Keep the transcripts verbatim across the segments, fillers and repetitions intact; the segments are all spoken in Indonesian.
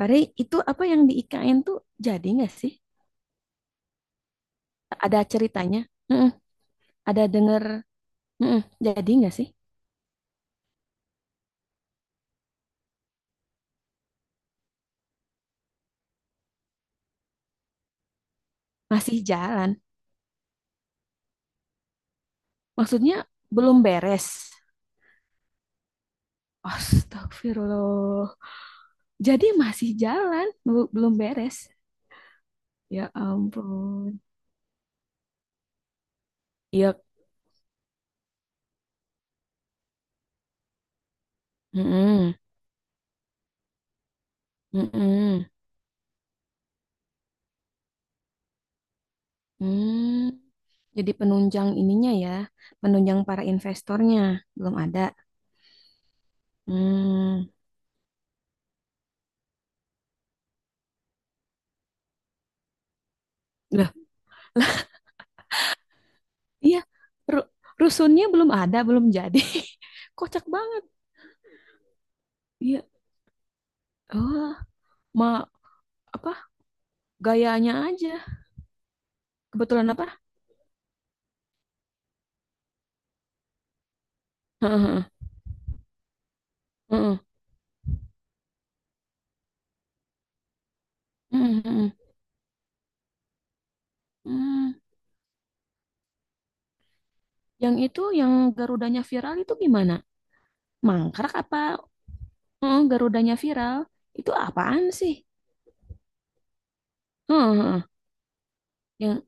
Pare, itu apa yang di I K N tuh jadi nggak sih? Ada ceritanya? Heeh, ada denger? Heeh, jadi nggak sih? Masih jalan? Maksudnya belum beres? Astagfirullah. Jadi masih jalan, bu- belum beres. Ya ampun. Iya. Heeh, heeh, hmm. Jadi penunjang ininya ya, penunjang para investornya belum ada. Hmm. Iya, ru- rusunnya belum ada, belum jadi. Kocak banget. Iya. Oh, ma apa gayanya aja. Kebetulan apa? Heeh, heeh, heeh, heeh, heeh. Yang itu yang Garudanya viral itu gimana? Mangkrak apa? Heeh, Garudanya viral. Itu apaan sih? Heeh, heeh. Yang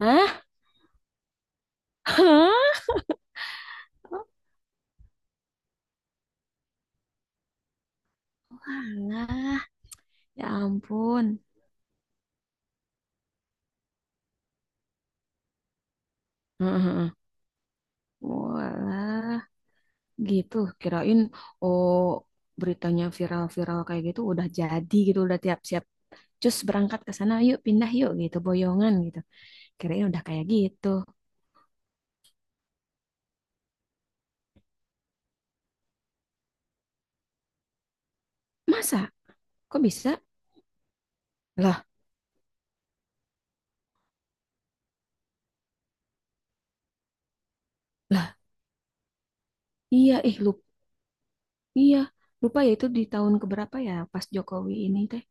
Hah? Hah? Walah, ya ampun. Heeh, heeh. Walah. Gitu, kirain oh beritanya viral-viral kayak gitu udah jadi gitu, udah tiap siap. Cus berangkat ke sana, yuk pindah yuk gitu, boyongan gitu. Kirain udah kayak gitu. Masa? Kok bisa? Lah, lah, iya ih lupa, iya. Lupa ya itu di tahun keberapa ya pas Jokowi ini teh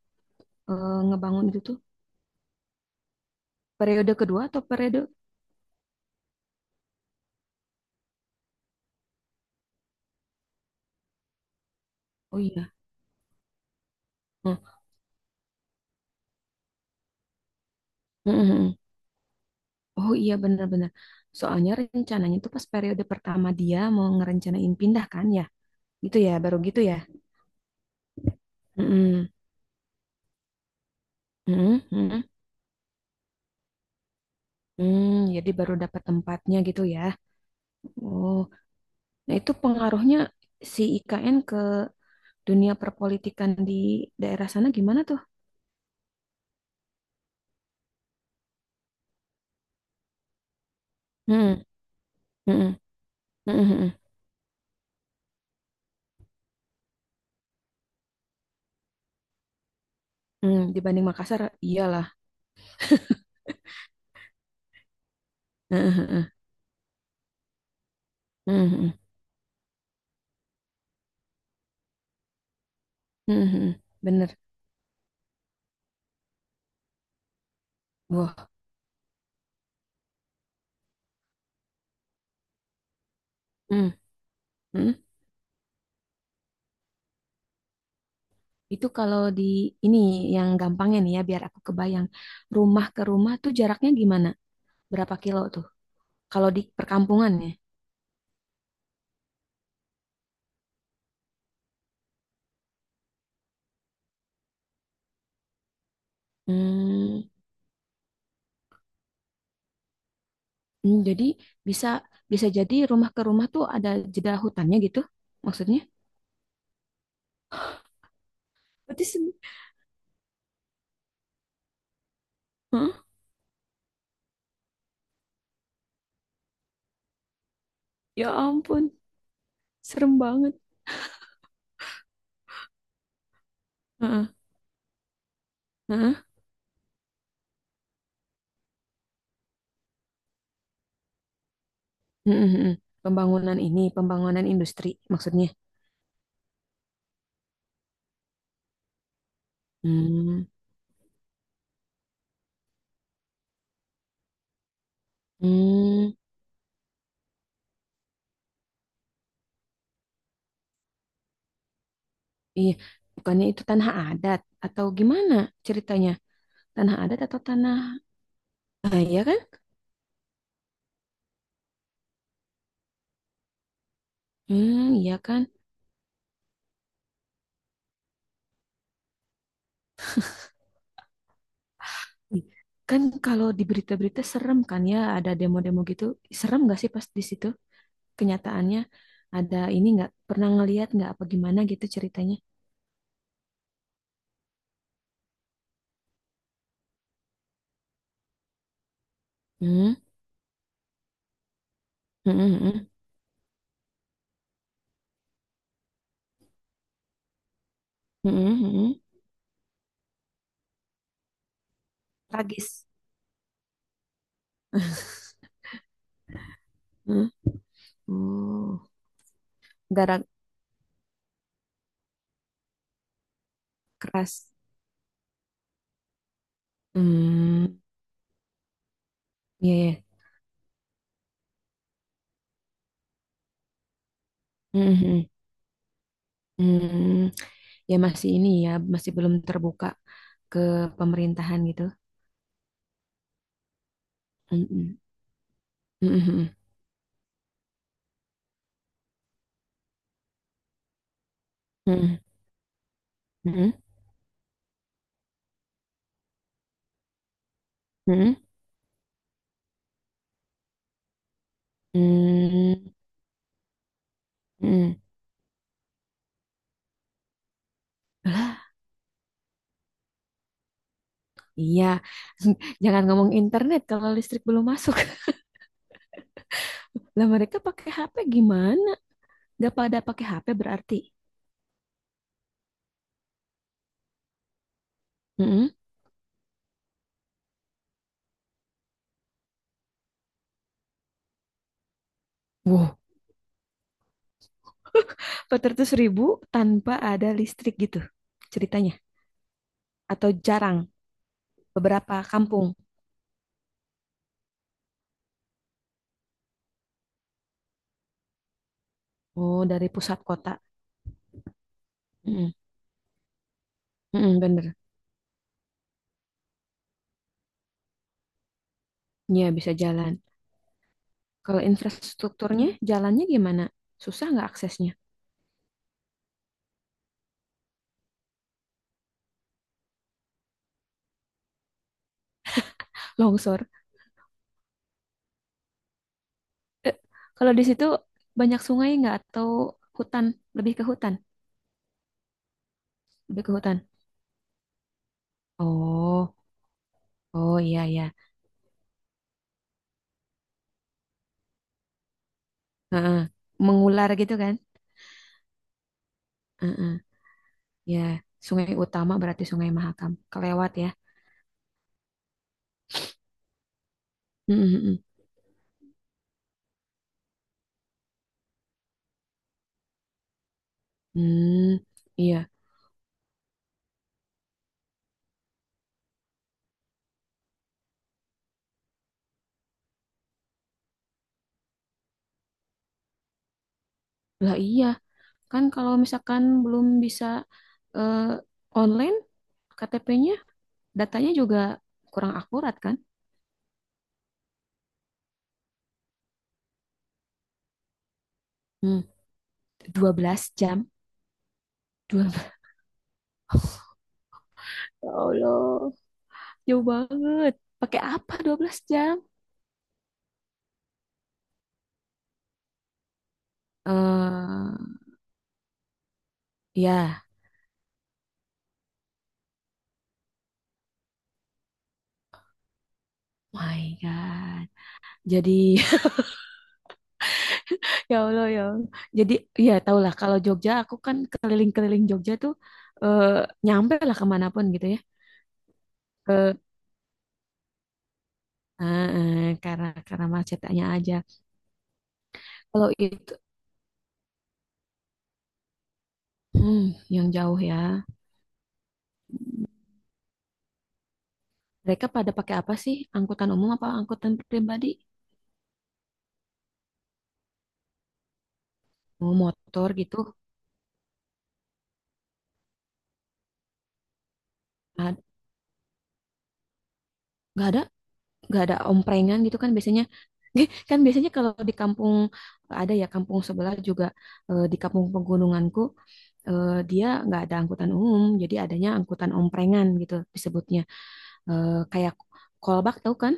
eh, ngebangun itu tuh. Periode kedua atau periode? Oh iya. Hah, mm, mm, mm. Oh iya benar-benar. Soalnya rencananya tuh pas periode pertama dia mau ngerencanain pindah kan ya. Gitu ya, baru gitu ya. Mm-mm. Mm-mm, mm-mm. Hmm, jadi baru dapat tempatnya gitu ya. Oh, nah itu pengaruhnya si I K N ke dunia perpolitikan di daerah sana gimana tuh? Hmm, mm-mm, mm-mm, mm-mm. Hmm, dibanding Makassar, iyalah. Heeh, heeh, heeh, heeh, heeh, heeh. Bener. Wah, hmm, hmm. Itu kalau di ini yang gampangnya nih ya, biar aku kebayang. Rumah ke rumah tuh jaraknya gimana? Berapa kilo tuh? Kalau di perkampungan ya? Hmm, hmm, jadi bisa bisa jadi rumah ke rumah tuh ada jeda hutannya gitu maksudnya? Berarti se- Heeh. Ya ampun, serem banget. Heeh, heeh. Hmm, hmm, hmm. Pembangunan ini, pembangunan industri maksudnya. Hmm, hmm, iya. Bukannya itu tanah adat atau gimana ceritanya? Tanah adat atau tanah, ah, iya kan? Hmm, iya kan? Ih, kan kalau di berita-berita serem kan ya, ada demo-demo gitu. Serem gak sih pas di situ? Kenyataannya ada ini nggak pernah ngelihat nggak apa gimana gitu ceritanya. Hmm, hmm, hmm, hmm, hmm, hmm, hmm. Tragis. Hmm. Oh, gara keras. Hmm, iya ya. Hmm, hmm, hmm. Ya masih ini ya, masih belum terbuka ke pemerintahan gitu. Hmm, hmm, hmm, hmm, hmm, hmm, hmm, hmm, hmm, hmm. Lah, iya. Jangan ngomong internet kalau listrik belum masuk. Lah mereka pakai H P gimana? Gak pada pakai H P berarti. Mm-mm. Wow, empat ratus ribu tanpa ada listrik gitu ceritanya. Atau jarang, beberapa kampung. Oh, dari pusat kota. Mm-mm. Mm-mm, bener. Ya, bisa jalan. Kalau infrastrukturnya, jalannya gimana? Susah nggak aksesnya? Longsor. Eh, kalau di situ banyak sungai nggak atau hutan? Lebih ke hutan. Lebih ke hutan. Oh, oh iya, iya. Heeh. Mengular gitu kan? Heeh. Ya, sungai utama berarti Sungai Mahakam. Kelewat ya. Mm-mm-mm. Hmm, iya. Lah iya, kan kalau misalkan belum bisa eh, online K T P-nya, datanya juga kurang akurat kan? Hmm, dua belas jam. dua belas. Ya Allah, jauh banget. Pakai apa dua belas jam? Eh, ya, my God. Jadi Ya Allah ya. Allah. Jadi ya tahulah kalau Jogja aku kan keliling-keliling Jogja tuh eh, nyampe lah kemanapun gitu ya. Ke eh, eh, karena karena macetnya aja. Kalau itu hmm, yang jauh ya. Mereka pada pakai apa sih? Angkutan umum apa angkutan pribadi? Mau motor gitu? Ad- Nggak ada? Nggak ada omprengan gitu kan biasanya kan biasanya kalau di kampung ada ya kampung sebelah juga eh, di kampung pegununganku eh, dia nggak ada angkutan umum jadi adanya angkutan omprengan gitu disebutnya. Eh, kayak kolbak tahu kan.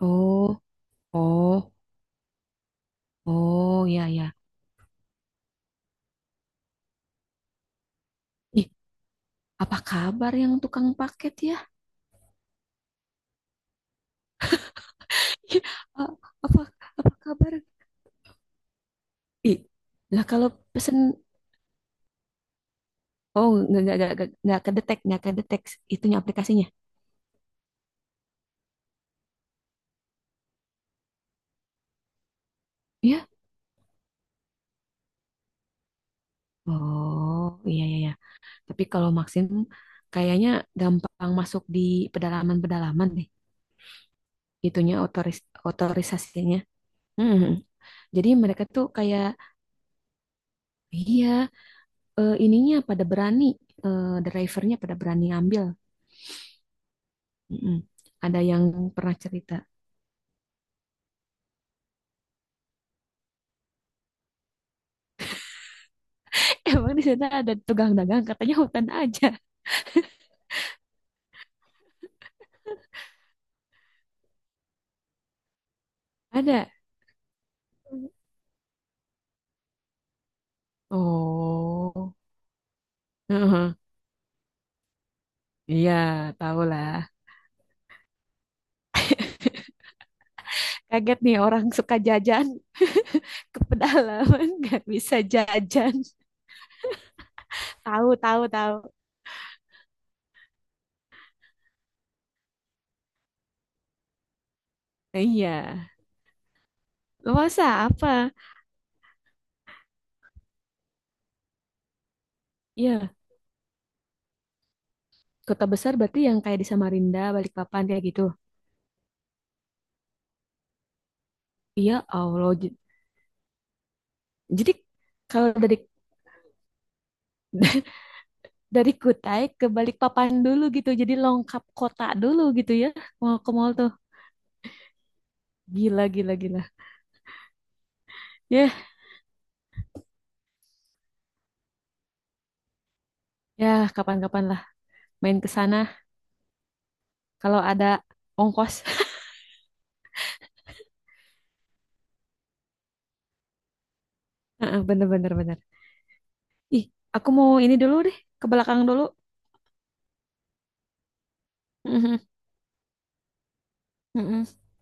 Oh, oh, oh, ya, ya. Ih, apa kabar yang tukang paket ya. Eh, apa apa kabar ih. Lah kalau pesen oh, nggak nggak nggak nggak nggak kedetek nggak kedetek itunya aplikasinya ya. Oh, iya, iya, iya. Tapi kalau Maxim kayaknya gampang masuk di pedalaman-pedalaman deh. Itunya otoris otorisasinya. Hmm. Jadi mereka tuh kayak, iya, eh, ininya pada berani, eh, drivernya pada berani ngambil. Mm-mm. Ada yang pernah cerita. Emang di sana ada tukang dagang, katanya hutan aja. Ada. Oh, iya, tahu lah. Kaget nih orang suka jajan. Ke pedalaman nggak bisa jajan. Tahu, tahu, tahu. Nah, iya. Luasa apa? Iya, kota besar berarti yang kayak di Samarinda, Balikpapan kayak gitu. Iya, Allah. J- Jadi kalau dari dari Kutai ke Balikpapan dulu gitu. Jadi lengkap kota dulu gitu ya. Mau ke mall tuh. Gila, gila, gila. Ya, ya kapan-kapan lah main ke sana kalau ada ongkos. Heeh, bener, bener, bener. Ih, aku mau ini dulu deh, ke belakang dulu. Mhm, mhm.